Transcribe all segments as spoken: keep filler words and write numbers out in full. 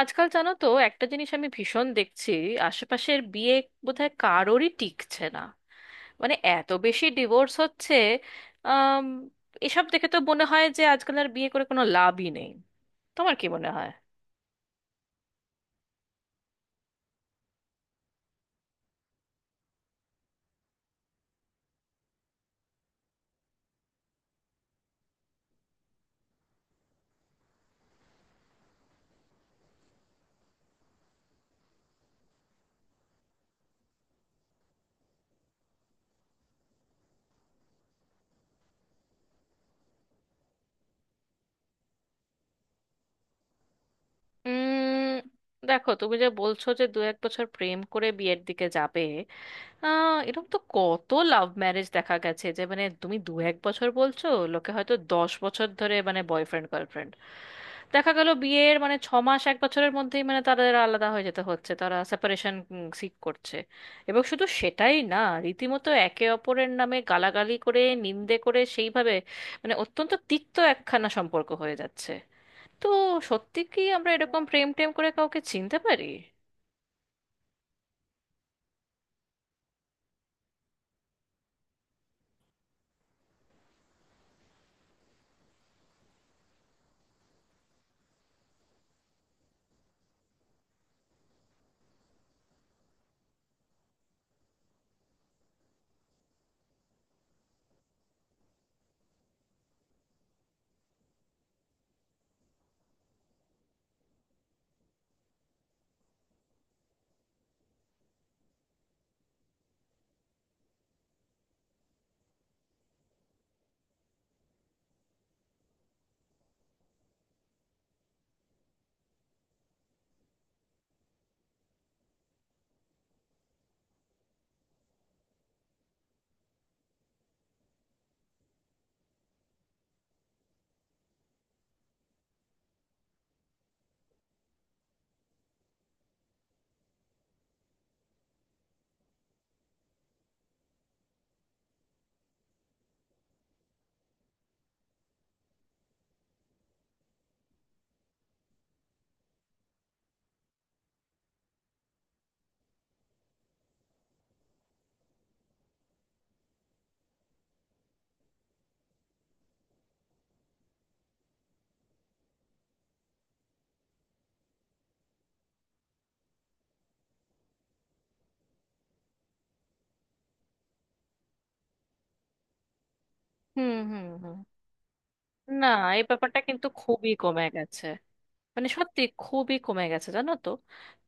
আজকাল জানো তো একটা জিনিস আমি ভীষণ দেখছি। আশেপাশের বিয়ে বোধহয় কারোরই টিকছে না। মানে এত বেশি ডিভোর্স হচ্ছে। আম, এসব দেখে তো মনে হয় যে আজকাল আর বিয়ে করে কোনো লাভই নেই। তোমার কি মনে হয়? উম, দেখো, তুমি যে বলছো যে দু এক বছর প্রেম করে বিয়ের দিকে যাবে। আহ এরকম তো কত লাভ ম্যারেজ দেখা গেছে যে মানে তুমি দু এক বছর বলছো, লোকে হয়তো দশ বছর ধরে মানে বয়ফ্রেন্ড গার্লফ্রেন্ড। দেখা গেল বিয়ের মানে ছ মাস এক বছরের মধ্যেই মানে তাদের আলাদা হয়ে যেতে হচ্ছে, তারা সেপারেশন সিক করছে। এবং শুধু সেটাই না, রীতিমতো একে অপরের নামে গালাগালি করে নিন্দে করে সেইভাবে মানে অত্যন্ত তিক্ত একখানা সম্পর্ক হয়ে যাচ্ছে। তো সত্যি কি আমরা এরকম প্রেম টেম করে কাউকে চিনতে পারি? হুম, হুম, হুম। না, এই ব্যাপারটা কিন্তু খুবই কমে গেছে। মানে সত্যি খুবই কমে গেছে, জানো তো।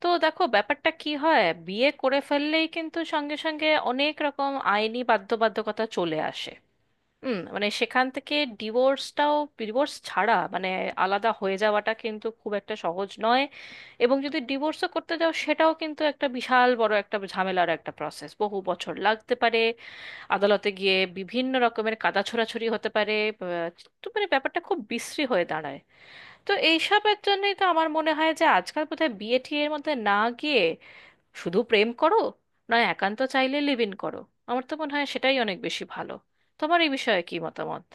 তো দেখো, ব্যাপারটা কি হয়, বিয়ে করে ফেললেই কিন্তু সঙ্গে সঙ্গে অনেক রকম আইনি বাধ্যবাধকতা চলে আসে। হুম, মানে সেখান থেকে ডিভোর্সটাও, ডিভোর্স ছাড়া মানে আলাদা হয়ে যাওয়াটা কিন্তু খুব একটা সহজ নয়। এবং যদি ডিভোর্সও করতে যাও, সেটাও কিন্তু একটা বিশাল বড় একটা ঝামেলার একটা প্রসেস, বহু বছর লাগতে পারে। আদালতে গিয়ে বিভিন্ন রকমের কাদা ছোড়াছুড়ি হতে পারে। আহ, তো মানে ব্যাপারটা খুব বিশ্রী হয়ে দাঁড়ায়। তো এইসবের জন্যই তো আমার মনে হয় যে আজকাল বোধহয় বিয়ে টিয়ের মধ্যে না গিয়ে শুধু প্রেম করো, নয় একান্ত চাইলে লিভ ইন করো। আমার তো মনে হয় সেটাই অনেক বেশি ভালো। তোমার এই বিষয়ে কি মতামত?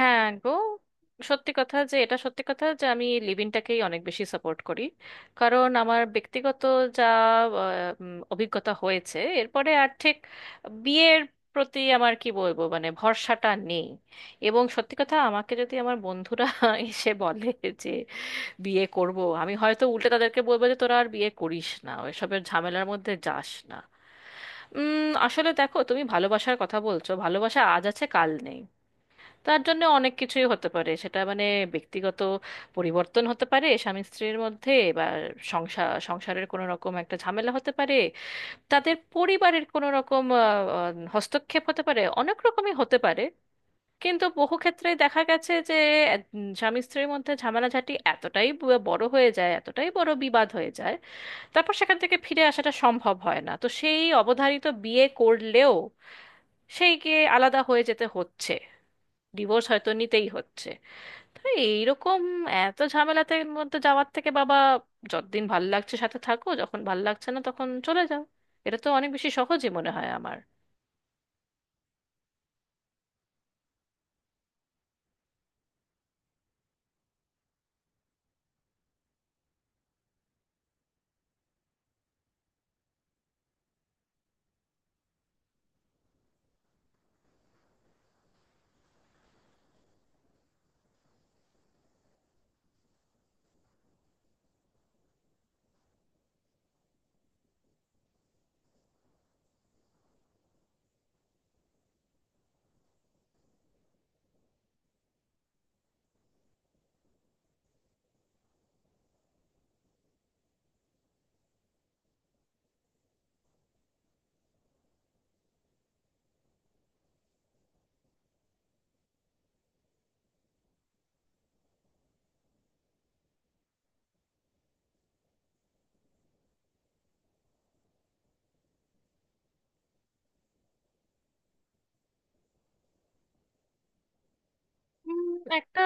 হ্যাঁ গো, সত্যি কথা, যে এটা সত্যি কথা যে আমি লিভ ইনটাকেই অনেক বেশি সাপোর্ট করি। কারণ আমার ব্যক্তিগত যা আহ, উম, অভিজ্ঞতা হয়েছে এরপরে আর ঠিক বিয়ের প্রতি আমার কি বলবো মানে ভরসাটা নেই। এবং সত্যি কথা, আমাকে যদি আমার বন্ধুরা এসে বলে যে বিয়ে করব, আমি হয়তো উল্টে তাদেরকে বলবো যে তোরা আর বিয়ে করিস না, এসবের ঝামেলার মধ্যে যাস না। উম আসলে দেখো, তুমি ভালোবাসার কথা বলছো, ভালোবাসা আজ আছে কাল নেই। তার জন্য অনেক কিছুই হতে পারে, সেটা মানে ব্যক্তিগত পরিবর্তন হতে পারে স্বামী স্ত্রীর মধ্যে, বা সংসার সংসারের কোনো রকম একটা ঝামেলা হতে পারে, তাদের পরিবারের কোনো রকম আহ, আহ, হস্তক্ষেপ হতে পারে, অনেক রকমই হতে পারে। কিন্তু বহু ক্ষেত্রে দেখা গেছে যে উম, স্বামী স্ত্রীর মধ্যে ঝামেলাঝাটি এতটাই ব- বড় হয়ে যায়, এতটাই বড় বিবাদ হয়ে যায়, তারপর সেখান থেকে ফিরে আসাটা সম্ভব হয় না, তো সেই অবধারিত বিয়ে করলেও সেইকে আলাদা হয়ে যেতে হচ্ছে, ডিভোর্স হয়তো নিতেই হচ্ছে। তো এইরকম এত ঝামেলাতে মধ্যে যাওয়ার থেকে বাবা, যতদিন ভাল লাগছে সাথে থাকো, যখন ভাল লাগছে না তখন চলে যাও, এটা তো অনেক বেশি সহজই মনে হয় আমার। উম, একটা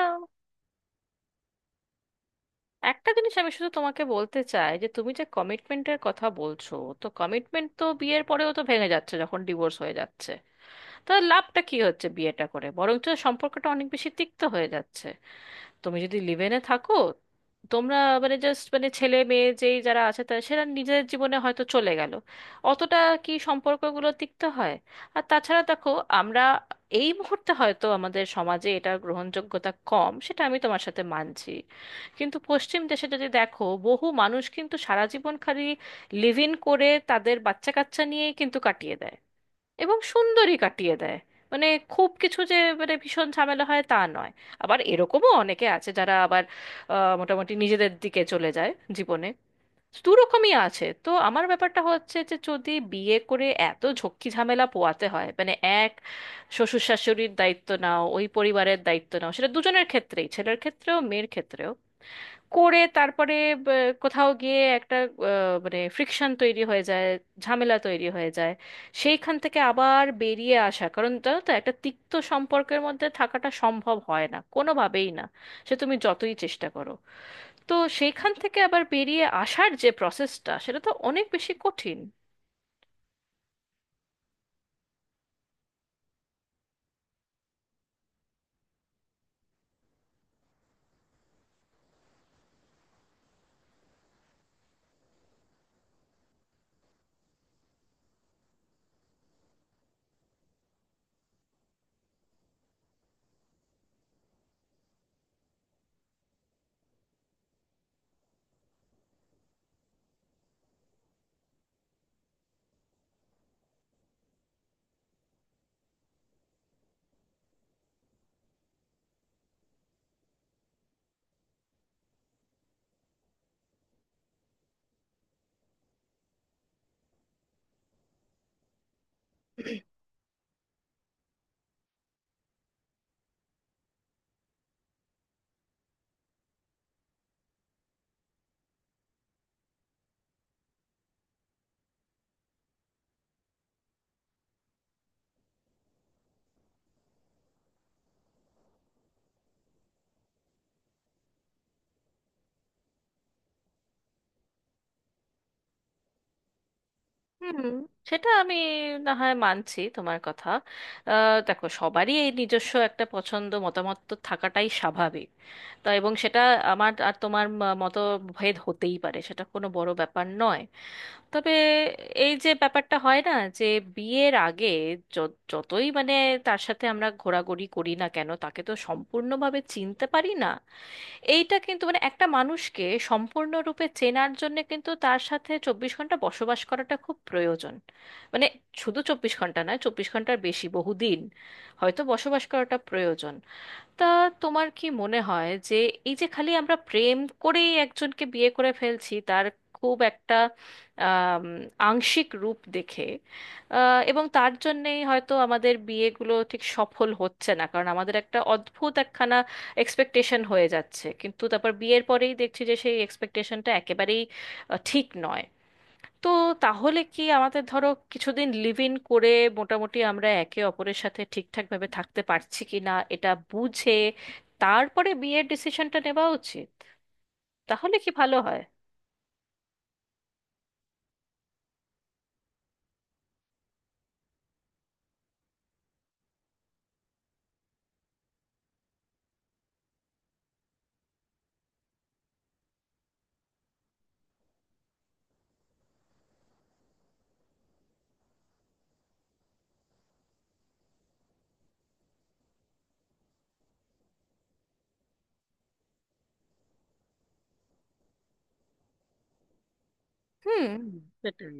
একটা জিনিস আমি শুধু তোমাকে বলতে চাই যে তুমি যে কমিটমেন্টের কথা বলছো, তো কমিটমেন্ট তো বিয়ের পরেও তো ভেঙে যাচ্ছে যখন ডিভোর্স হয়ে যাচ্ছে। তাহলে লাভটা কি হচ্ছে, বিয়েটা করে বরঞ্চ সম্পর্কটা অনেক বেশি তিক্ত হয়ে যাচ্ছে। তুমি যদি লিভেনে থাকো তোমরা মানে জাস্ট মানে ছেলে মেয়ে যেই যারা আছে তারা সেরা নিজের জীবনে হয়তো চলে গেল, অতটা কি সম্পর্কগুলো তিক্ত হয়? আর তাছাড়া দেখো, আমরা এই মুহূর্তে হয়তো আমাদের সমাজে এটা গ্রহণযোগ্যতা কম, সেটা আমি তোমার সাথে মানছি। কিন্তু পশ্চিম দেশে যদি দেখো, বহু মানুষ কিন্তু সারা জীবন খালি লিভ ইন করে তাদের বাচ্চা কাচ্চা নিয়েই কিন্তু কাটিয়ে দেয়, এবং সুন্দরই কাটিয়ে দেয়। মানে খুব কিছু যে মানে ভীষণ ঝামেলা হয় তা নয়। আবার এরকমও অনেকে আছে যারা আবার আহ, মোটামুটি নিজেদের দিকে চলে যায় জীবনে। দু রকমই আছে। তো আমার ব্যাপারটা হচ্ছে যে যদি বিয়ে করে এত ঝক্কি ঝামেলা পোয়াতে হয়, মানে এক শ্বশুর শাশুড়ির দায়িত্ব নাও, ওই পরিবারের দায়িত্ব নাও, সেটা দুজনের ক্ষেত্রেই ছেলের ক্ষেত্রেও মেয়ের ক্ষেত্রেও করে তারপরে ব- কোথাও গিয়ে একটা আহ, মানে ফ্রিকশন তৈরি হয়ে যায়, ঝামেলা তৈরি হয়ে যায়। সেইখান থেকে আবার বেরিয়ে আসা, কারণ জানো তো একটা তিক্ত সম্পর্কের মধ্যে থাকাটা সম্ভব হয় না কোনোভাবেই না, সে তুমি যতই চেষ্টা করো। তো সেইখান থেকে আবার বেরিয়ে আসার যে প্রসেসটা সেটা তো অনেক বেশি কঠিন। হুম, সেটা আমি না হয় মানছি তোমার কথা। আহ, দেখো, সবারই এই নিজস্ব একটা পছন্দ মতামত তো থাকাটাই স্বাভাবিক, তা এবং সেটা আমার আর তোমার ম- মতভেদ হতেই পারে, সেটা কোনো বড় ব্যাপার নয়। তবে এই যে ব্যাপারটা হয় না, যে বিয়ের আগে য- যতই মানে তার সাথে আমরা ঘোরাঘুরি করি না কেন, তাকে তো সম্পূর্ণভাবে চিনতে পারি না। এইটা কিন্তু মানে একটা মানুষকে সম্পূর্ণরূপে চেনার জন্য কিন্তু তার সাথে চব্বিশ ঘন্টা বসবাস করাটা খুব প্রয়োজন। মানে শুধু চব্বিশ ঘন্টা নয়, চব্বিশ ঘন্টার বেশি বহুদিন হয়তো বসবাস করাটা প্রয়োজন। তা তোমার কি মনে হয় যে এই যে খালি আমরা প্রেম করেই একজনকে বিয়ে করে ফেলছি তার খুব একটা আম, আংশিক রূপ দেখে, আহ, এবং তার জন্যেই হয়তো আমাদের বিয়েগুলো ঠিক সফল হচ্ছে না, কারণ আমাদের একটা অদ্ভুত একখানা এক্সপেকটেশন হয়ে যাচ্ছে কিন্তু তারপর বিয়ের পরেই দেখছি যে সেই এক্সপেকটেশনটা একেবারেই আহ, ঠিক নয়। তো তাহলে কি আমাদের ধরো কিছুদিন লিভ ইন করে মোটামুটি আমরা একে অপরের সাথে ঠিকঠাকভাবে থাকতে পারছি কি না এটা বুঝে তারপরে বিয়ের ডিসিশনটা নেওয়া উচিত? তাহলে কি ভালো হয়? হুম, সেটাই।